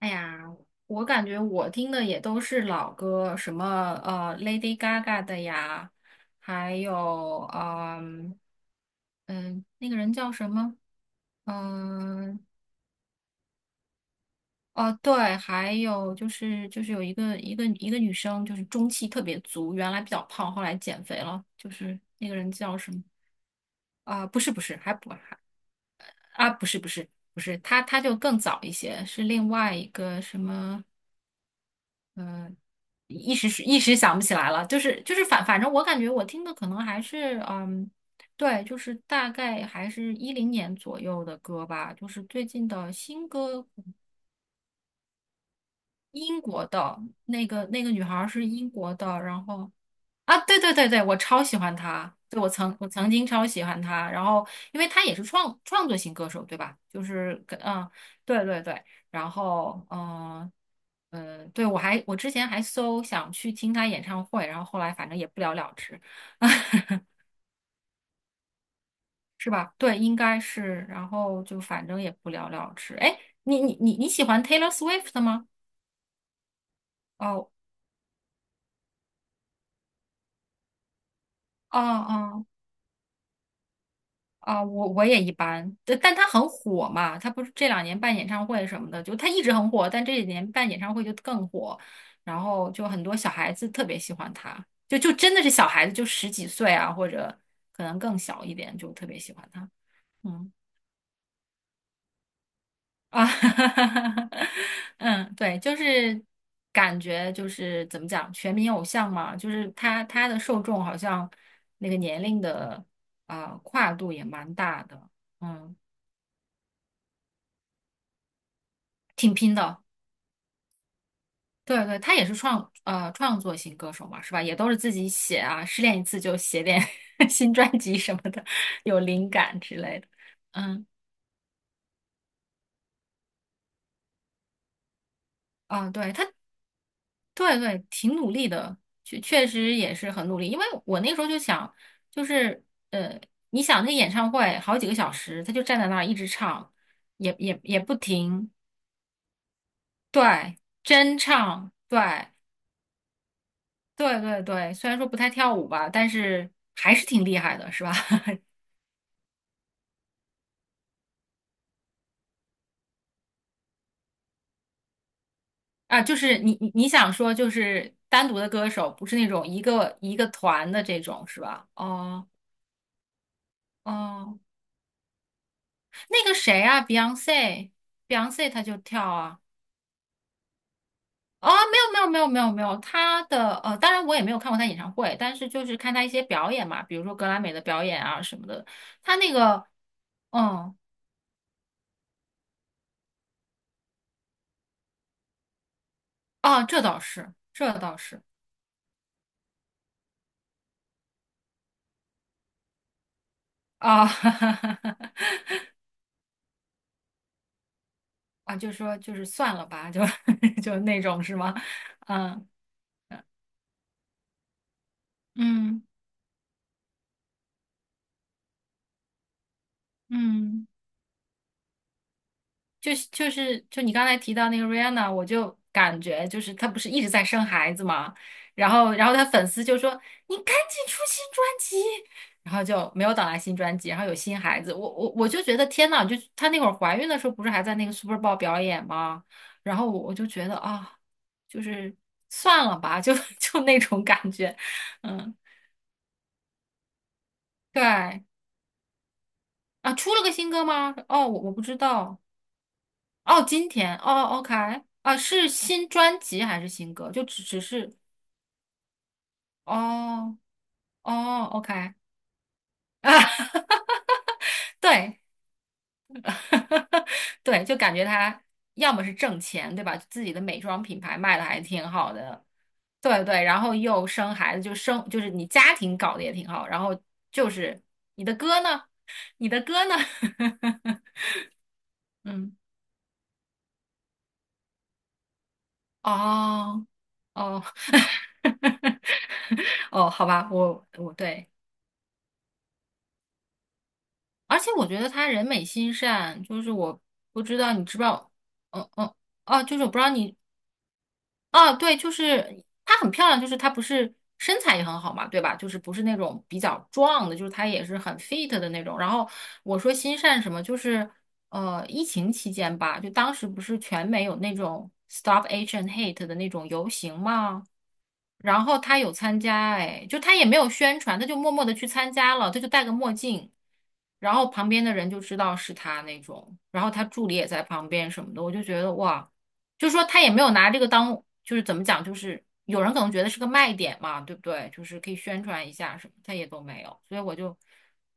哎呀，我感觉我听的也都是老歌，什么Lady Gaga 的呀，还有那个人叫什么？嗯、哦对，还有就是有一个女生，就是中气特别足，原来比较胖，后来减肥了，就是那个人叫什么？啊、不是不是，还不还啊不是不是不是，她就更早一些，是另外一个什么？嗯。一时想不起来了，就是反正我感觉我听的可能还是对，就是大概还是一零年左右的歌吧，就是最近的新歌，英国的那个女孩儿是英国的，然后啊，对对对对，我超喜欢他，对，我曾经超喜欢他，然后因为他也是创作型歌手，对吧？就是跟对对对，然后对我之前还想去听他演唱会，然后后来反正也不了了之，是吧？对，应该是，然后就反正也不了了之。哎，你喜欢 Taylor Swift 吗？哦哦哦。啊，我也一般，但他很火嘛，他不是这两年办演唱会什么的，就他一直很火，但这几年办演唱会就更火，然后就很多小孩子特别喜欢他，就真的是小孩子，就十几岁啊，或者可能更小一点，就特别喜欢他。嗯啊，嗯，对，就是感觉就是怎么讲，全民偶像嘛，就是他的受众好像那个年龄的跨度也蛮大的，嗯，挺拼的。对对，他也是创作型歌手嘛，是吧？也都是自己写啊，失恋一次就写点 新专辑什么的，有灵感之类的。嗯，啊，对，对对，挺努力的，确实也是很努力。因为我那时候就想，就是呃，你想那演唱会好几个小时，他就站在那儿一直唱，也不停，对，真唱，对对对对。虽然说不太跳舞吧，但是还是挺厉害的，是吧？啊，就是你想说就是单独的歌手，不是那种一个团的这种是吧？哦哦，那个谁啊，Beyonce，她就跳啊。哦，没有没有没有没有没有，她的当然我也没有看过她演唱会，但是就是看她一些表演嘛，比如说格莱美的表演啊什么的。她那个，嗯，哦，这倒是，这倒是啊，啊，就说就是算了吧，就那种是吗？嗯嗯。嗯，就是就你刚才提到那个 Rihanna，我就感觉就是她不是一直在生孩子嘛，然后她粉丝就说你赶紧出新专辑，然后就没有等来新专辑，然后有新孩子，我就觉得天呐，就她那会儿怀孕的时候不是还在那个 Super Bowl 表演吗？然后我就觉得啊，就是算了吧，就那种感觉，嗯，对啊，出了个新歌吗？哦，我不知道。哦，今天哦，OK，啊，是新专辑还是新歌？就只是哦哦，OK 啊，对 对，就感觉他要么是挣钱，对吧？自己的美妆品牌卖的还挺好的，对对，然后又生孩子，就是你家庭搞得也挺好，然后就是你的歌呢，你的歌呢，嗯，哦哦。哦，好吧，我对，而且我觉得她人美心善，就是我不知道你知不知道，嗯嗯哦，就是我不知道你哦，对，就是她很漂亮，就是她不是身材也很好嘛，对吧？就是不是那种比较壮的，就是她也是很 fit 的那种。然后我说心善什么，就是疫情期间吧，就当时不是全美有那种 Stop Age and Hate 的那种游行吗？然后他有参加，哎，就他也没有宣传，他就默默的去参加了，他就戴个墨镜，然后旁边的人就知道是他那种，然后他助理也在旁边什么的，我就觉得哇。就是说他也没有拿这个当，就是怎么讲，就是有人可能觉得是个卖点嘛，对不对？就是可以宣传一下什么，他也都没有，所以我就，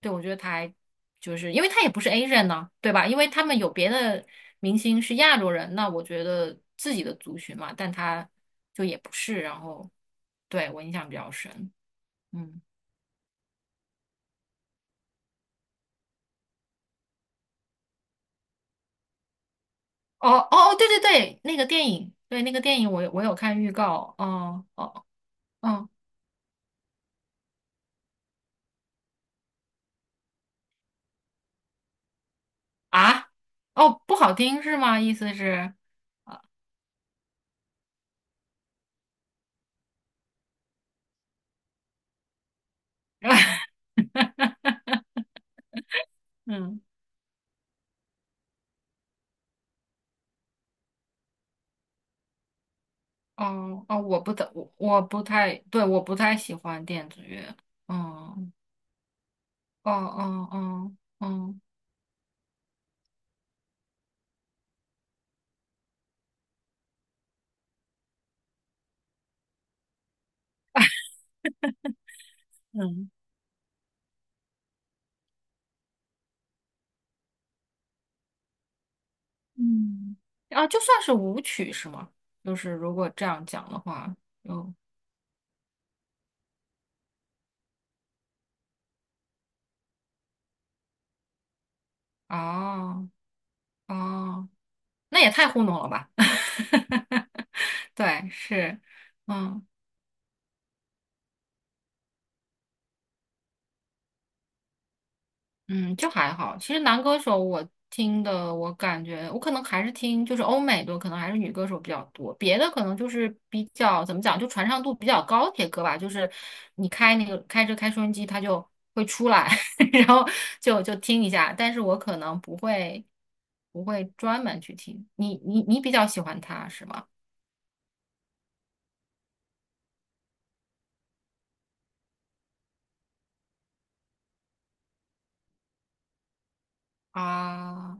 对，我觉得他还就是因为他也不是 Asian 呢，对吧？因为他们有别的明星是亚洲人，那我觉得自己的族群嘛，但他就也不是，然后对我印象比较深，嗯，哦哦哦，对对对，那个电影，对那个电影我有看预告，哦哦哦啊。哦，不好听是吗？意思是，嗯，哦哦，我不太，对，我不太喜欢电子乐。嗯，哦哦哦，嗯嗯，嗯，啊，就算是舞曲是吗？就是如果这样讲的话，就哦哦，那也太糊弄了吧？对，是，嗯。嗯，就还好。其实男歌手我听的，我感觉我可能还是听就是欧美多，可能还是女歌手比较多。别的可能就是比较怎么讲，就传唱度比较高铁歌吧，就是你开那个开着开收音机，它就会出来，然后就听一下。但是我可能不会专门去听。你比较喜欢他是吗？啊。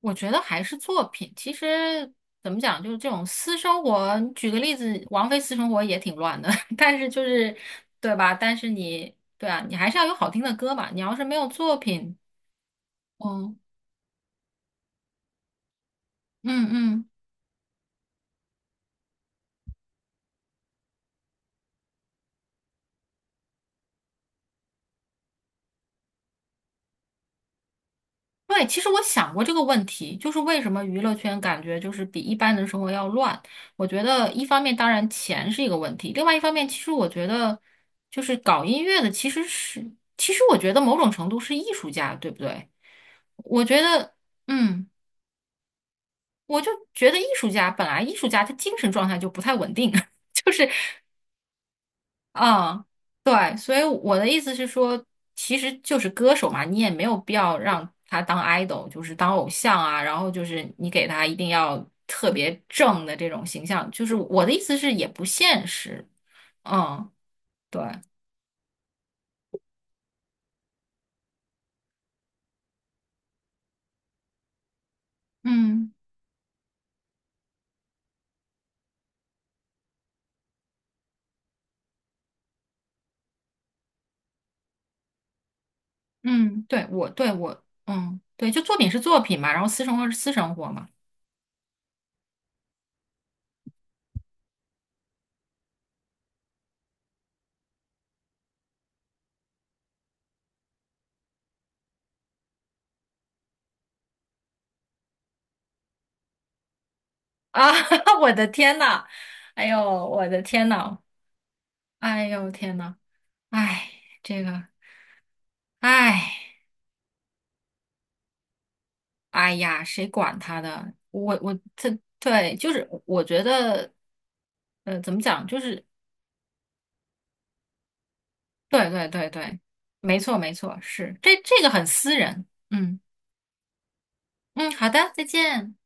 我觉得还是作品。其实怎么讲，就是这种私生活，举个例子，王菲私生活也挺乱的，但是就是对吧？但是你对啊，你还是要有好听的歌嘛。你要是没有作品，嗯嗯嗯，对。其实我想过这个问题，就是为什么娱乐圈感觉就是比一般的生活要乱？我觉得一方面当然钱是一个问题，另外一方面其实我觉得就是搞音乐的其实是，其实我觉得某种程度是艺术家，对不对？我觉得。嗯。我就觉得艺术家本来艺术家他精神状态就不太稳定啊，就是嗯，对，所以我的意思是说，其实就是歌手嘛，你也没有必要让他当 idol，就是当偶像啊，然后就是你给他一定要特别正的这种形象，就是我的意思是也不现实，嗯，对，嗯嗯，对我对我嗯对，就作品是作品嘛，然后私生活是私生活嘛，啊，我的天呐，哎呦，我的天呐！哎呦天呐，哎，这个，哎，哎呀，谁管他的？我这对，就是我觉得，怎么讲？就是对对对对，没错没错，是这个很私人。嗯嗯，好的，再见。